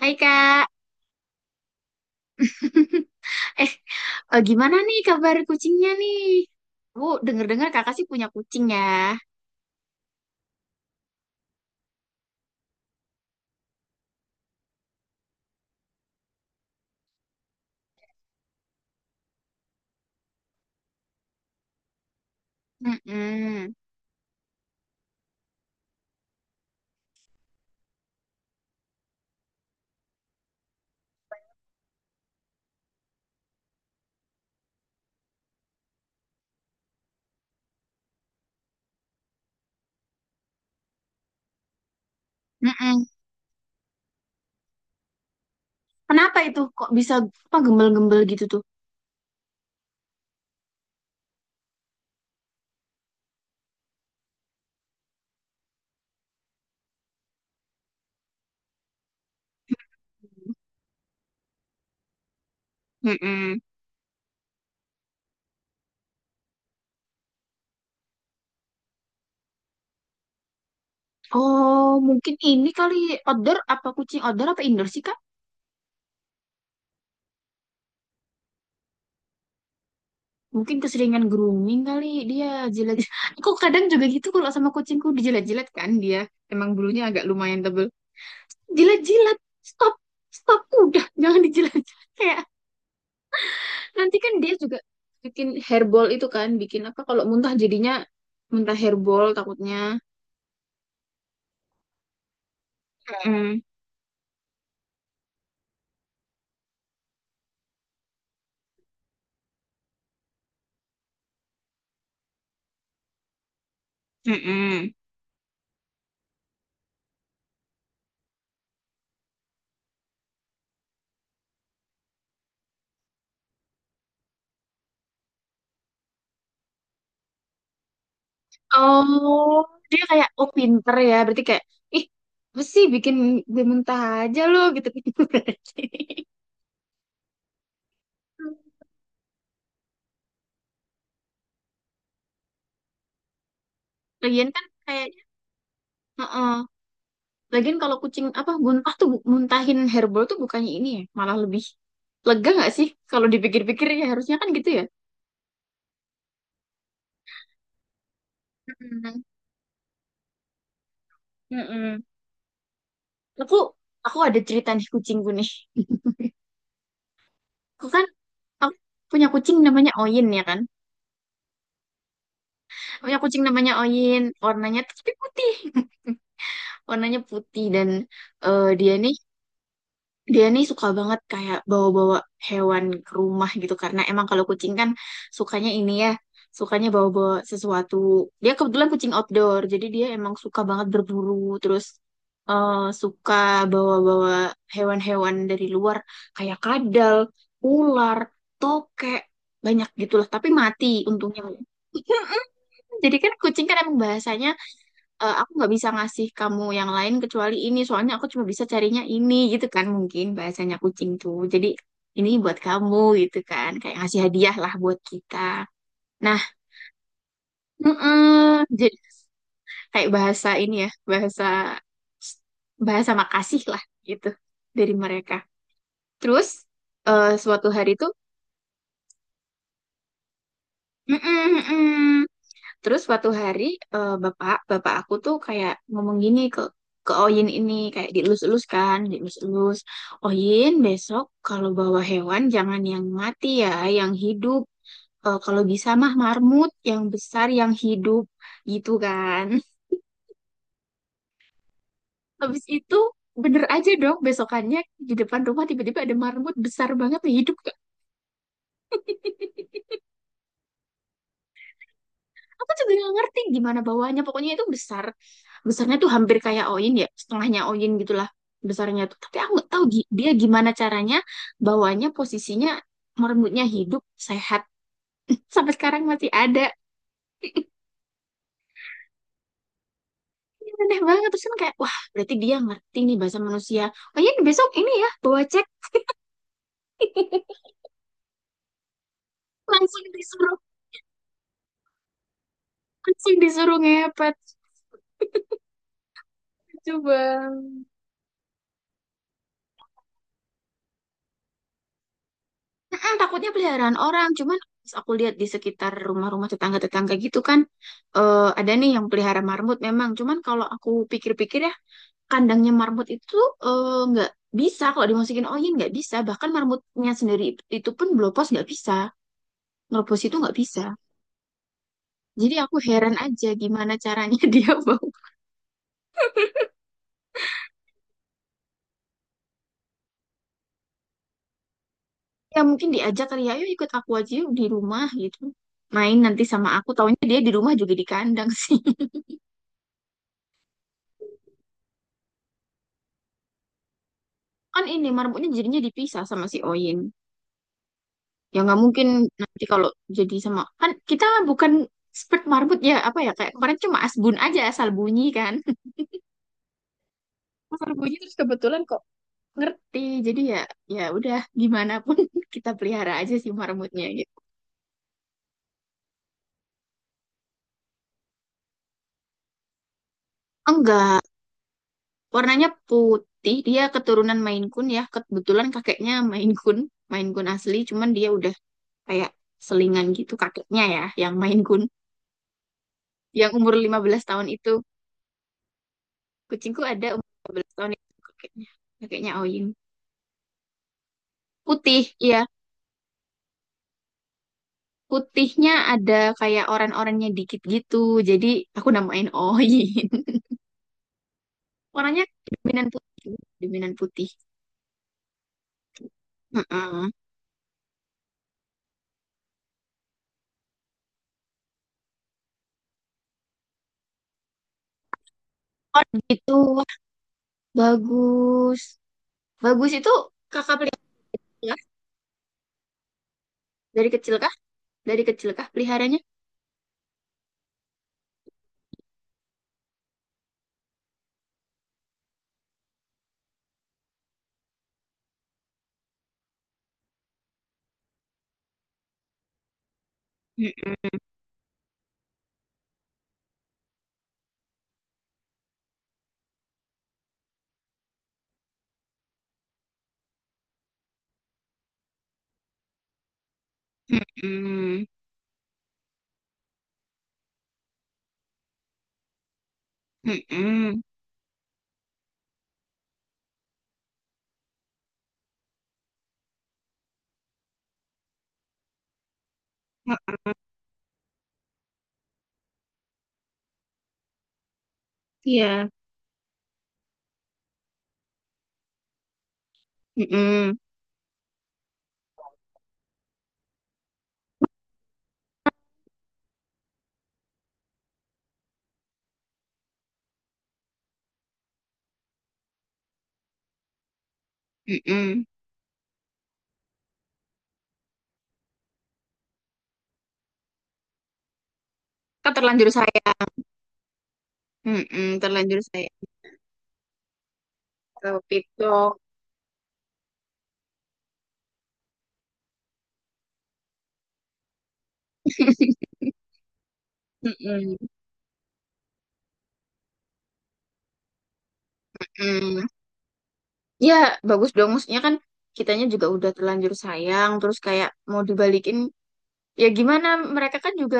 Hai, Kak. eh Gimana nih kabar kucingnya nih? Bu, denger-dengar kakak sih punya kucing ya. Mm-mm. Mm-mm. Kenapa itu kok bisa apa gembel-gembel gitu tuh? Mm-mm. Oh, mungkin ini kali outdoor apa kucing outdoor apa indoor sih Kak? Mungkin keseringan grooming kali dia jilat-jilat. Aku kadang juga gitu kalau sama kucingku dijilat-jilat kan dia. Emang bulunya agak lumayan tebel. Jilat-jilat, stop, stop, udah jangan dijilat. Kayak, nanti kan dia juga bikin hairball itu kan, bikin apa kalau muntah jadinya muntah hairball takutnya. Mm-mm. Mm-mm. Oh, dia kayak, oh, pinter ya, berarti kayak, ih, apa sih bikin gue muntah aja lo gitu berarti. Lagian kan kayaknya, heeh. Lagian kalau kucing apa muntah tuh muntahin hairball tuh bukannya ini ya, malah lebih lega nggak sih kalau dipikir-pikir ya harusnya kan gitu ya. Mm-mm. Mm-mm. Aku aku ada cerita nih kucingku nih. Aku kan Aku punya kucing namanya Oyin ya kan. Punya kucing namanya Oyin, warnanya tuh tapi putih. Warnanya putih dan eh, dia nih dia nih suka banget kayak bawa-bawa hewan ke rumah gitu karena emang kalau kucing kan sukanya ini ya, sukanya bawa-bawa sesuatu. Dia kebetulan kucing outdoor, jadi dia emang suka banget berburu, terus eh, suka bawa-bawa hewan-hewan dari luar kayak kadal, ular, tokek, banyak gitulah, tapi mati untungnya. Jadi kan kucing kan emang bahasanya, "Eh, aku nggak bisa ngasih kamu yang lain kecuali ini, soalnya aku cuma bisa carinya ini gitu kan mungkin bahasanya kucing tuh. Jadi ini buat kamu gitu kan, kayak ngasih hadiah lah buat kita. Nah, mm-mm. Jadi kayak bahasa ini ya, bahasa bahasa makasih lah gitu dari mereka. Terus eh, suatu hari tuh, mm Terus suatu hari, bapak bapak aku tuh kayak ngomong gini ke Oyin ini, kayak dielus-elus kan, dielus-elus. Oyin besok kalau bawa hewan jangan yang mati ya, yang hidup. Eh, kalau bisa mah marmut yang besar yang hidup gitu kan. Habis itu bener aja dong, besokannya di depan rumah tiba-tiba ada marmut besar banget tuh, hidup. Aku juga nggak ngerti gimana bawahnya, pokoknya itu besarnya tuh hampir kayak Oyin ya, setengahnya Oyin gitulah besarnya tuh, tapi aku nggak tahu dia gimana caranya bawahnya, posisinya merengutnya, hidup, sehat, sampai sekarang masih ada. Ini aneh banget, terus kan kayak, wah, berarti dia ngerti nih bahasa manusia, oh iya, besok ini ya, bawa cek. langsung disuruh langsung disuruh ngepet coba. Mm-mm, takutnya peliharaan orang, cuman pas aku lihat di sekitar rumah-rumah tetangga-tetangga gitu kan, ada nih yang pelihara marmut memang. Cuman kalau aku pikir-pikir ya, kandangnya marmut itu, nggak bisa kalau dimasukin angin nggak bisa. Bahkan marmutnya sendiri itu pun blopos nggak bisa, ngeropos itu nggak bisa. Jadi aku heran aja gimana caranya dia mau. Ya mungkin diajak kali ya, ayo ikut aku aja yuk di rumah gitu. Main nanti sama aku, taunya dia di rumah juga di kandang sih. Kan ini marmutnya jadinya dipisah sama si Oyin. Ya nggak mungkin nanti kalau jadi sama, kan kita bukan expert marbut ya, apa ya, kayak kemarin cuma asbun aja, asal bunyi kan. Asal bunyi terus kebetulan kok ngerti. Jadi ya, ya udah, gimana pun kita pelihara aja sih marmutnya gitu. Enggak, warnanya putih. Dia keturunan Maine Coon ya. Kebetulan kakeknya Maine Coon, Maine Coon asli, cuman dia udah kayak selingan gitu, kakeknya ya yang Maine Coon, yang umur 15 tahun itu. Kucingku ada umur 15 tahun itu kakeknya. Kakeknya Oyin. Putih, iya. Putihnya ada kayak orannya dikit gitu. Jadi aku namain Oin. Warnanya dominan putih, dominan putih. Heeh. Oh gitu. Wah, bagus. Bagus itu kakak pelihara kah? Dari kecil kah? Dari kecil kah peliharanya? Mm-mm. Mm-mm. Mm-mm. Oh. Iya. Mm-mm. Mm-mm. Kan terlanjur sayang. Mm-mm. Terlanjur sayang. Kalau pitok. Mm-mm. Mm-mm. Ya, bagus dong. Maksudnya kan kitanya juga udah terlanjur sayang, terus kayak mau dibalikin. Ya gimana, mereka kan juga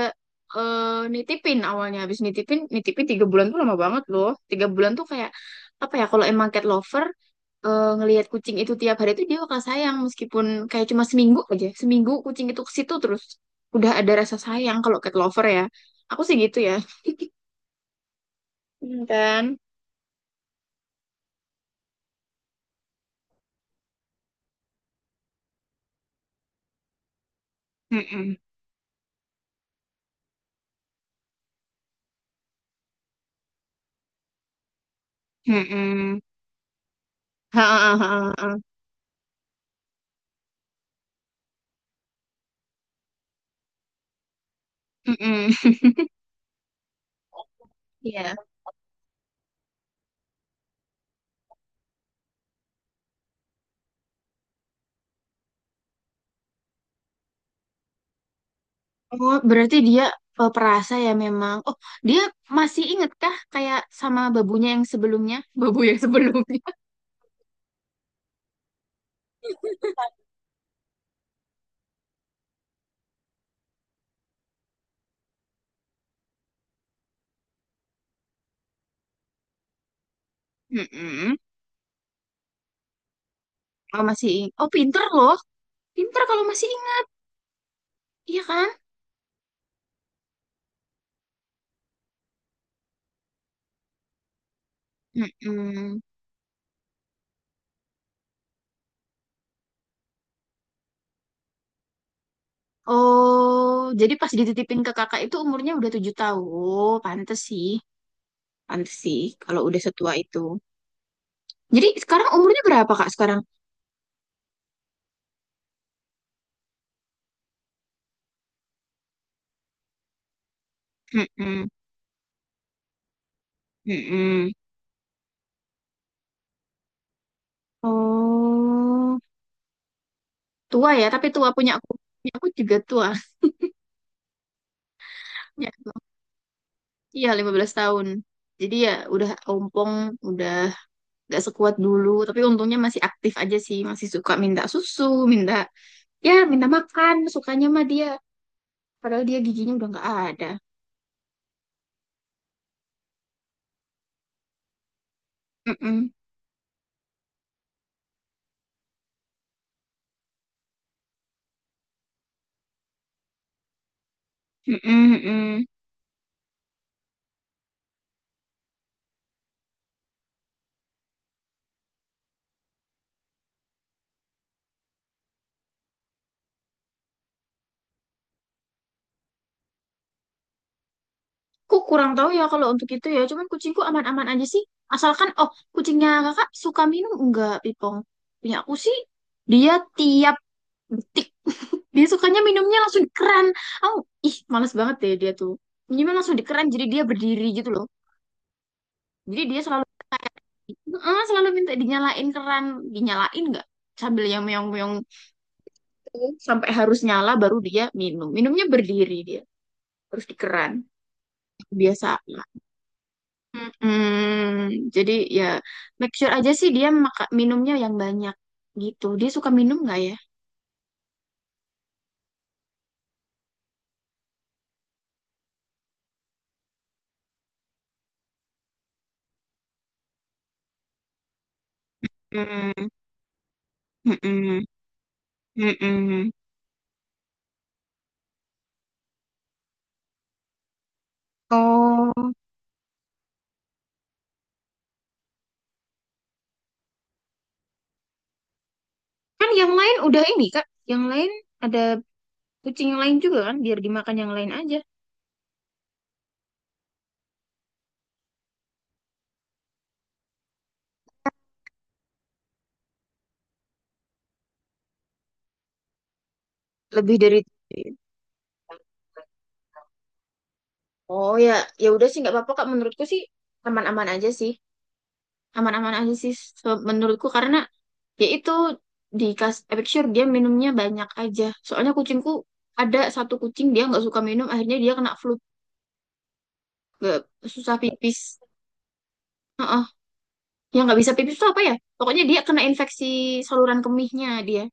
eh, nitipin awalnya. Habis nitipin, 3 bulan tuh lama banget loh. 3 bulan tuh kayak, apa ya, kalau emang cat lover, ngelihat kucing itu tiap hari tuh dia bakal sayang. Meskipun kayak cuma seminggu aja. Seminggu kucing itu ke situ terus. Udah ada rasa sayang kalau cat lover ya. Aku sih gitu ya. Hmm. Kan? Mm-mm. Mm-mm. Ha, ha, ha, ha, ha. Mm-mm. Iya. Oh, berarti dia, perasa ya memang. Oh, dia masih inget kah kayak sama babunya yang sebelumnya? Babu yang sebelumnya. Mm-mm. Oh, masih inget. Oh, pinter loh. Pinter kalau masih inget, iya kan? Mm-mm. Oh, jadi pas dititipin ke kakak itu umurnya udah 7 tahun. Oh, pantes sih. Pantes sih kalau udah setua itu. Jadi sekarang umurnya berapa, Kak, sekarang? Mm-mm. Mm-mm. Oh, tua ya. Tapi tua punya aku. Punya aku juga tua. Ya. Iya, 15 tahun. Jadi ya udah ompong, udah gak sekuat dulu. Tapi untungnya masih aktif aja sih. Masih suka minta susu, minta, minta makan. Sukanya mah dia. Padahal dia giginya udah gak ada. Mm-mm. Mm-mm, mm-mm. Aku kurang tahu ya kalau untuk itu ya. Cuman kucingku aman-aman aja sih. Asalkan, oh, kucingnya kakak suka minum enggak, Pipong? Punya aku sih, dia tiap detik. Dia sukanya minumnya langsung di keran. Oh, ih, males banget deh dia tuh. Minumnya langsung di keran, jadi dia berdiri gitu loh. Jadi dia selalu kayak, "Eh, selalu minta dinyalain keran. Dinyalain enggak?" Sambil yang meong-meong gitu, sampai harus nyala baru dia minum. Minumnya berdiri dia. Terus di keran. Biasa. Mm-mm. Jadi ya, make sure aja sih dia minumnya yang banyak gitu. Dia suka minum nggak ya? Mm. Mm-mm. Mm-mm. Oh, kan yang lain udah ini Kak. Yang lain ada kucing yang lain juga kan, biar dimakan yang lain aja. Lebih dari. Oh ya, ya udah sih nggak apa-apa Kak. Menurutku sih aman-aman aja sih. Aman-aman aja sih menurutku karena yaitu, make sure dia minumnya banyak aja, soalnya kucingku ada satu kucing dia nggak suka minum, akhirnya dia kena flu, nggak, susah pipis. Heeh. Yang nggak bisa pipis itu apa ya, pokoknya dia kena infeksi saluran kemihnya dia,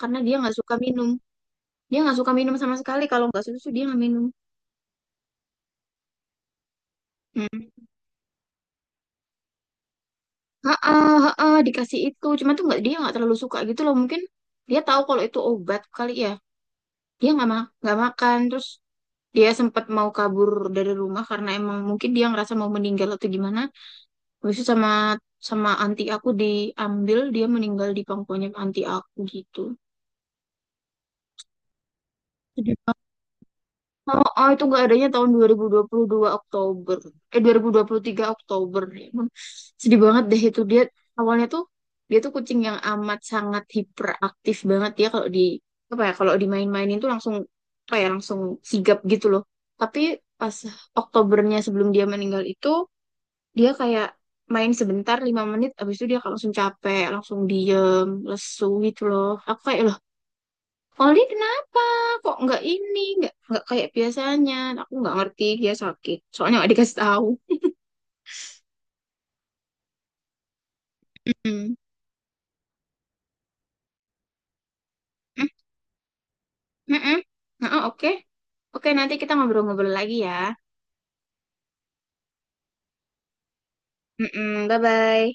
karena dia nggak suka minum sama sekali, kalau nggak susu dia nggak minum. Hmm. Heeh, heeh, dikasih itu cuma tuh nggak, dia nggak terlalu suka gitu loh, mungkin dia tahu kalau itu obat kali ya, dia nggak makan terus. Dia sempat mau kabur dari rumah karena emang mungkin dia ngerasa mau meninggal atau gimana, habis itu sama sama anti aku diambil, dia meninggal di pangkuannya anti aku gitu. Oh, oh, itu nggak adanya tahun dua 2022 Oktober. Eh, dua 2023 Oktober. Ya ampun, sedih banget deh itu. Dia awalnya tuh, dia tuh kucing yang amat sangat hiperaktif banget. Ya kalau apa ya, kalau dimain-mainin tuh langsung, apa ya, langsung sigap gitu loh. Tapi pas Oktobernya sebelum dia meninggal itu, dia kayak main sebentar, 5 menit, abis itu dia langsung capek, langsung diem, lesu gitu loh. Aku kayak, Oli kenapa? Kok nggak ini? Nggak kayak biasanya. Aku nggak ngerti dia sakit. Soalnya nggak dikasih tahu. Mm. Mm, mm, mm. Nah, oh, oke. Oke, nanti kita ngobrol-ngobrol lagi ya. Mm-mm, bye-bye.